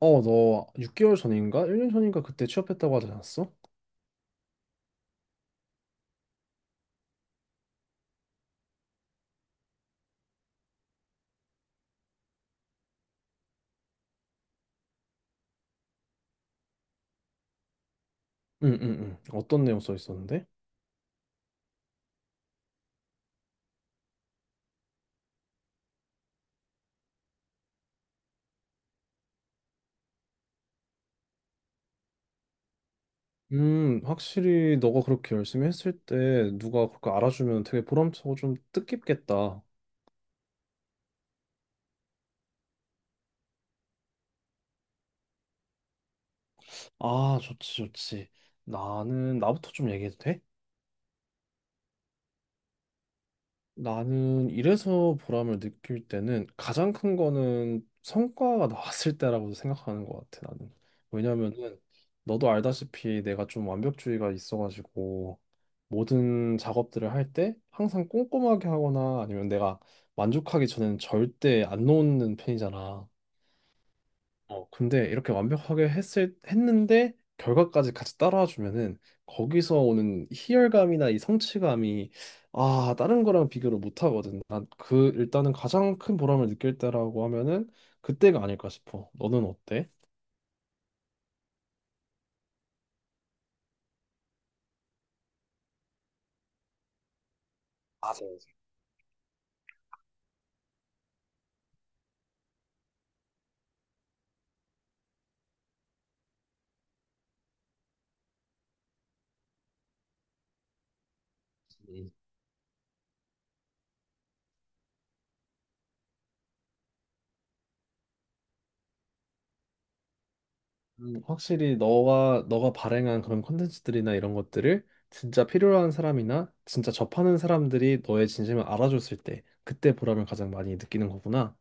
어, 너 6개월 전인가? 1년 전인가 그때 취업했다고 하지 않았어? 응, 응, 응. 어떤 내용 써 있었는데? 확실히 너가 그렇게 열심히 했을 때 누가 그렇게 알아주면 되게 보람차고 좀 뜻깊겠다. 아, 좋지, 좋지. 나는 나부터 좀 얘기해도 돼? 나는 이래서 보람을 느낄 때는 가장 큰 거는 성과가 나왔을 때라고 생각하는 것 같아, 나는. 왜냐면은 너도 알다시피 내가 좀 완벽주의가 있어가지고, 모든 작업들을 할 때 항상 꼼꼼하게 하거나 아니면 내가 만족하기 전에는 절대 안 놓는 편이잖아. 근데 이렇게 완벽하게 했을 했는데 결과까지 같이 따라와 주면은, 거기서 오는 희열감이나 이 성취감이, 다른 거랑 비교를 못 하거든. 난 그 일단은 가장 큰 보람을 느낄 때라고 하면은 그때가 아닐까 싶어. 너는 어때? 맞아요. 음. 확실히 너가 발행한 그런 콘텐츠들이나 이런 것들을 진짜 필요한 사람이나 진짜 접하는 사람들이 너의 진심을 알아줬을 때, 그때 보람을 가장 많이 느끼는 거구나.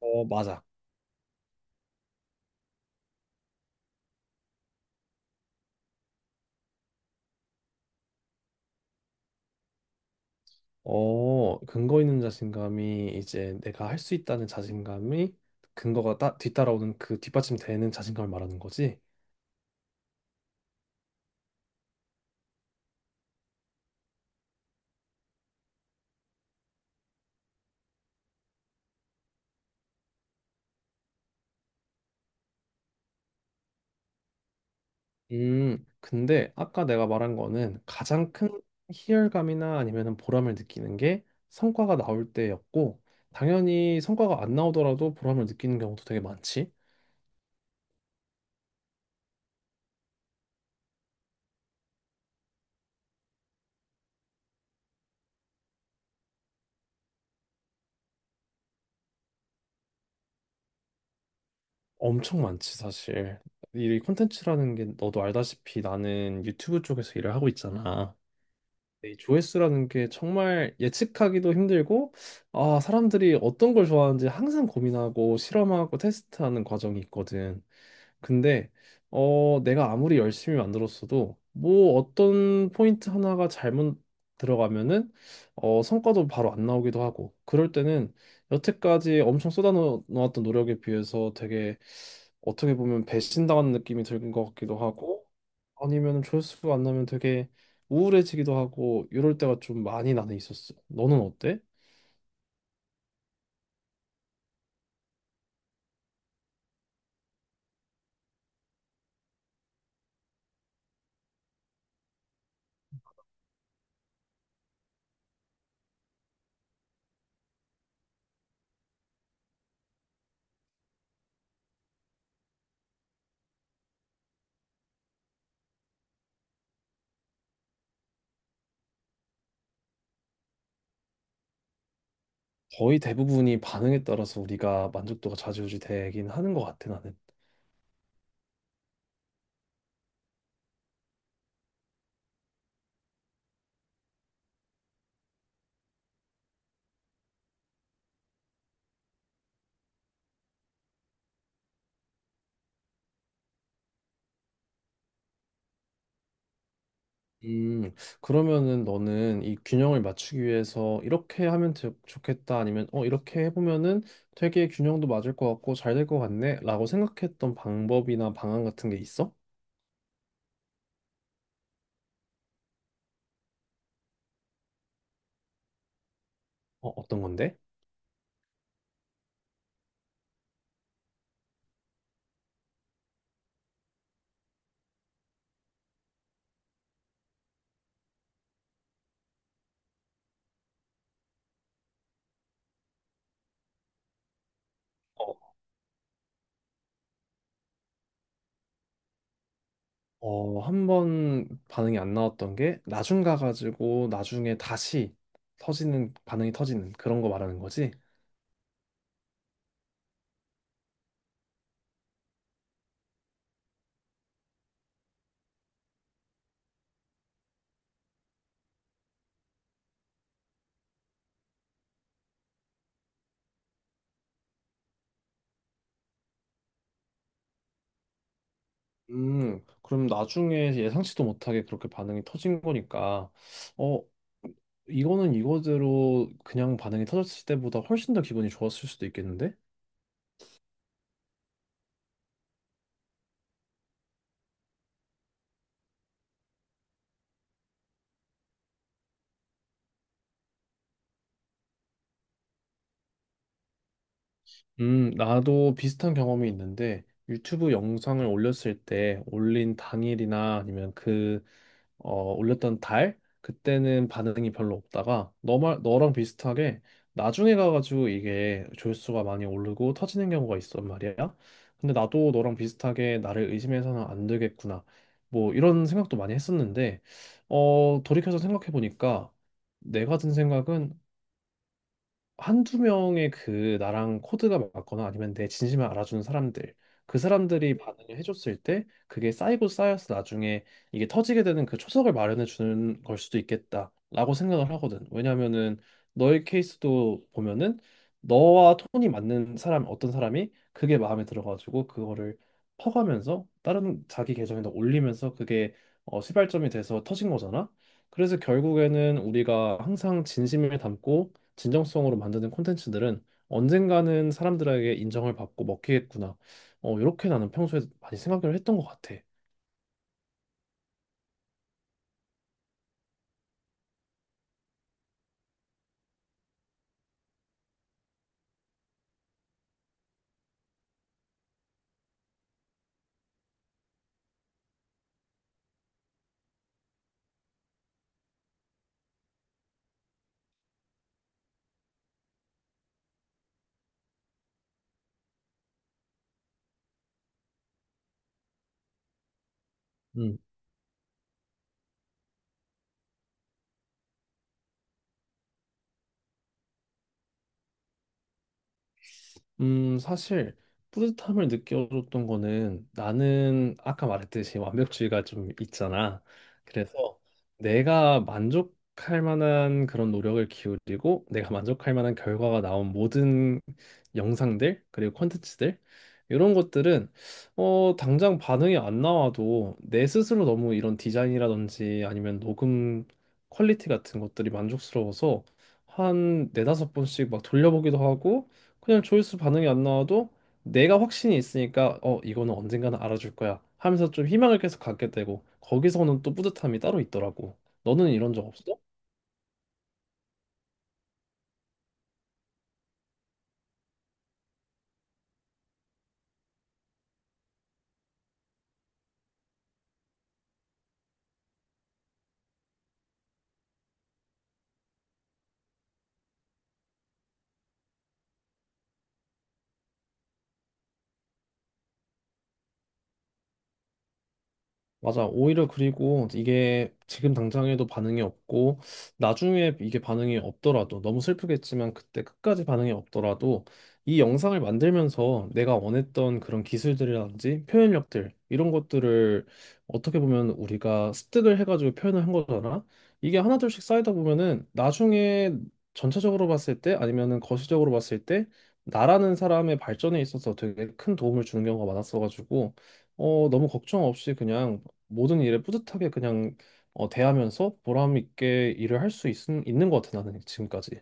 어, 맞아. 근거 있는 자신감이 이제 내가 할 수 있다는 자신감이, 근거가 뒤따라오는, 그 뒷받침되는 자신감을 말하는 거지. 근데 아까 내가 말한 거는 가장 큰 희열감이나 아니면은 보람을 느끼는 게 성과가 나올 때였고, 당연히 성과가 안 나오더라도 보람을 느끼는 경우도 되게 많지. 엄청 많지, 사실. 이 콘텐츠라는 게 너도 알다시피 나는 유튜브 쪽에서 일을 하고 있잖아. 이 조회수라는 게 정말 예측하기도 힘들고, 사람들이 어떤 걸 좋아하는지 항상 고민하고 실험하고 테스트하는 과정이 있거든. 근데 내가 아무리 열심히 만들었어도 뭐 어떤 포인트 하나가 잘못 들어가면은, 성과도 바로 안 나오기도 하고, 그럴 때는 여태까지 엄청 쏟아놓았던 노력에 비해서, 되게 어떻게 보면 배신당한 느낌이 드는 것 같기도 하고, 아니면 조회수가 안 나면 되게 우울해지기도 하고, 이럴 때가 좀 많이 나는 있었어. 너는 어때? 거의 대부분이 반응에 따라서 우리가 만족도가 좌지우지 되긴 하는 것 같아, 나는. 음, 그러면은 너는 이 균형을 맞추기 위해서, 이렇게 하면 좋겠다 아니면 이렇게 해보면은 되게 균형도 맞을 것 같고 잘 될 것 같네라고 생각했던 방법이나 방안 같은 게 있어? 어떤 건데? 어, 한 번 반응이 안 나왔던 게 나중 가가지고, 나중에 다시 터지는, 반응이 터지는, 그런 거 말하는 거지? 그럼 나중에 예상치도 못하게 그렇게 반응이 터진 거니까, 어, 이거는 이거대로 그냥 반응이 터졌을 때보다 훨씬 더 기분이 좋았을 수도 있겠는데? 나도 비슷한 경험이 있는데, 유튜브 영상을 올렸을 때, 올린 당일이나 아니면 그 올렸던 달 그때는 반응이 별로 없다가, 너말 너랑 비슷하게 나중에 가가지고 이게 조회수가 많이 오르고 터지는 경우가 있단 말이야. 근데 나도 너랑 비슷하게 나를 의심해서는 안 되겠구나, 뭐 이런 생각도 많이 했었는데, 돌이켜서 생각해 보니까 내가 든 생각은, 한두 명의 그 나랑 코드가 맞거나 아니면 내 진심을 알아주는 사람들, 그 사람들이 반응을 해줬을 때 그게 쌓이고 쌓여서, 나중에 이게 터지게 되는 그 초석을 마련해 주는 걸 수도 있겠다라고 생각을 하거든. 왜냐면은 너의 케이스도 보면은, 너와 톤이 맞는 사람, 어떤 사람이 그게 마음에 들어가지고 그거를 퍼가면서 다른 자기 계정에다 올리면서, 그게 시발점이 돼서 터진 거잖아. 그래서 결국에는 우리가 항상 진심을 담고 진정성으로 만드는 콘텐츠들은 언젠가는 사람들에게 인정을 받고 먹히겠구나, 이렇게 나는 평소에 많이 생각을 했던 것 같아. 음. 사실 뿌듯함을 느껴줬던 거는, 나는 아까 말했듯이 완벽주의가 좀 있잖아. 그래서 내가 만족할 만한 그런 노력을 기울이고, 내가 만족할 만한 결과가 나온 모든 영상들 그리고 콘텐츠들, 이런 것들은 당장 반응이 안 나와도 내 스스로 너무 이런 디자인이라든지 아니면 녹음 퀄리티 같은 것들이 만족스러워서 한 네다섯 번씩 막 돌려보기도 하고, 그냥 조회수 반응이 안 나와도 내가 확신이 있으니까 이거는 언젠가는 알아줄 거야 하면서 좀 희망을 계속 갖게 되고, 거기서는 또 뿌듯함이 따로 있더라고. 너는 이런 적 없어? 맞아. 오히려, 그리고 이게 지금 당장에도 반응이 없고 나중에 이게 반응이 없더라도 너무 슬프겠지만, 그때 끝까지 반응이 없더라도 이 영상을 만들면서 내가 원했던 그런 기술들이라든지 표현력들, 이런 것들을 어떻게 보면 우리가 습득을 해가지고 표현을 한 거잖아. 이게 하나둘씩 쌓이다 보면은 나중에 전체적으로 봤을 때, 아니면은 거시적으로 봤을 때 나라는 사람의 발전에 있어서 되게 큰 도움을 주는 경우가 많았어가지고, 너무 걱정 없이 그냥 모든 일에 뿌듯하게 그냥 대하면서 보람 있게 일을 할 수 있는 것 같아, 나는 지금까지.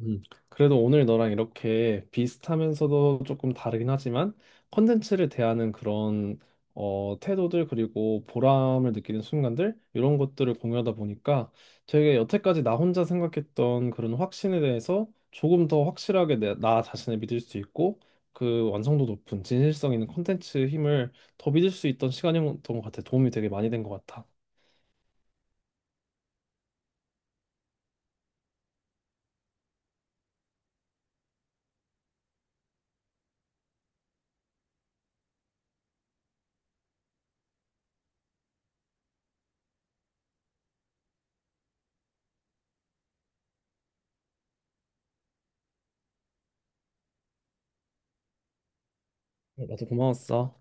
음, 그래도 오늘 너랑 이렇게 비슷하면서도 조금 다르긴 하지만, 컨텐츠를 대하는 그런 태도들 그리고 보람을 느끼는 순간들, 이런 것들을 공유하다 보니까, 되게 여태까지 나 혼자 생각했던 그런 확신에 대해서 조금 더 확실하게 나 자신을 믿을 수 있고, 그 완성도 높은 진실성 있는 컨텐츠 힘을 더 믿을 수 있던 시간이었던 것 같아. 도움이 되게 많이 된 것 같아. 나도 고마웠어.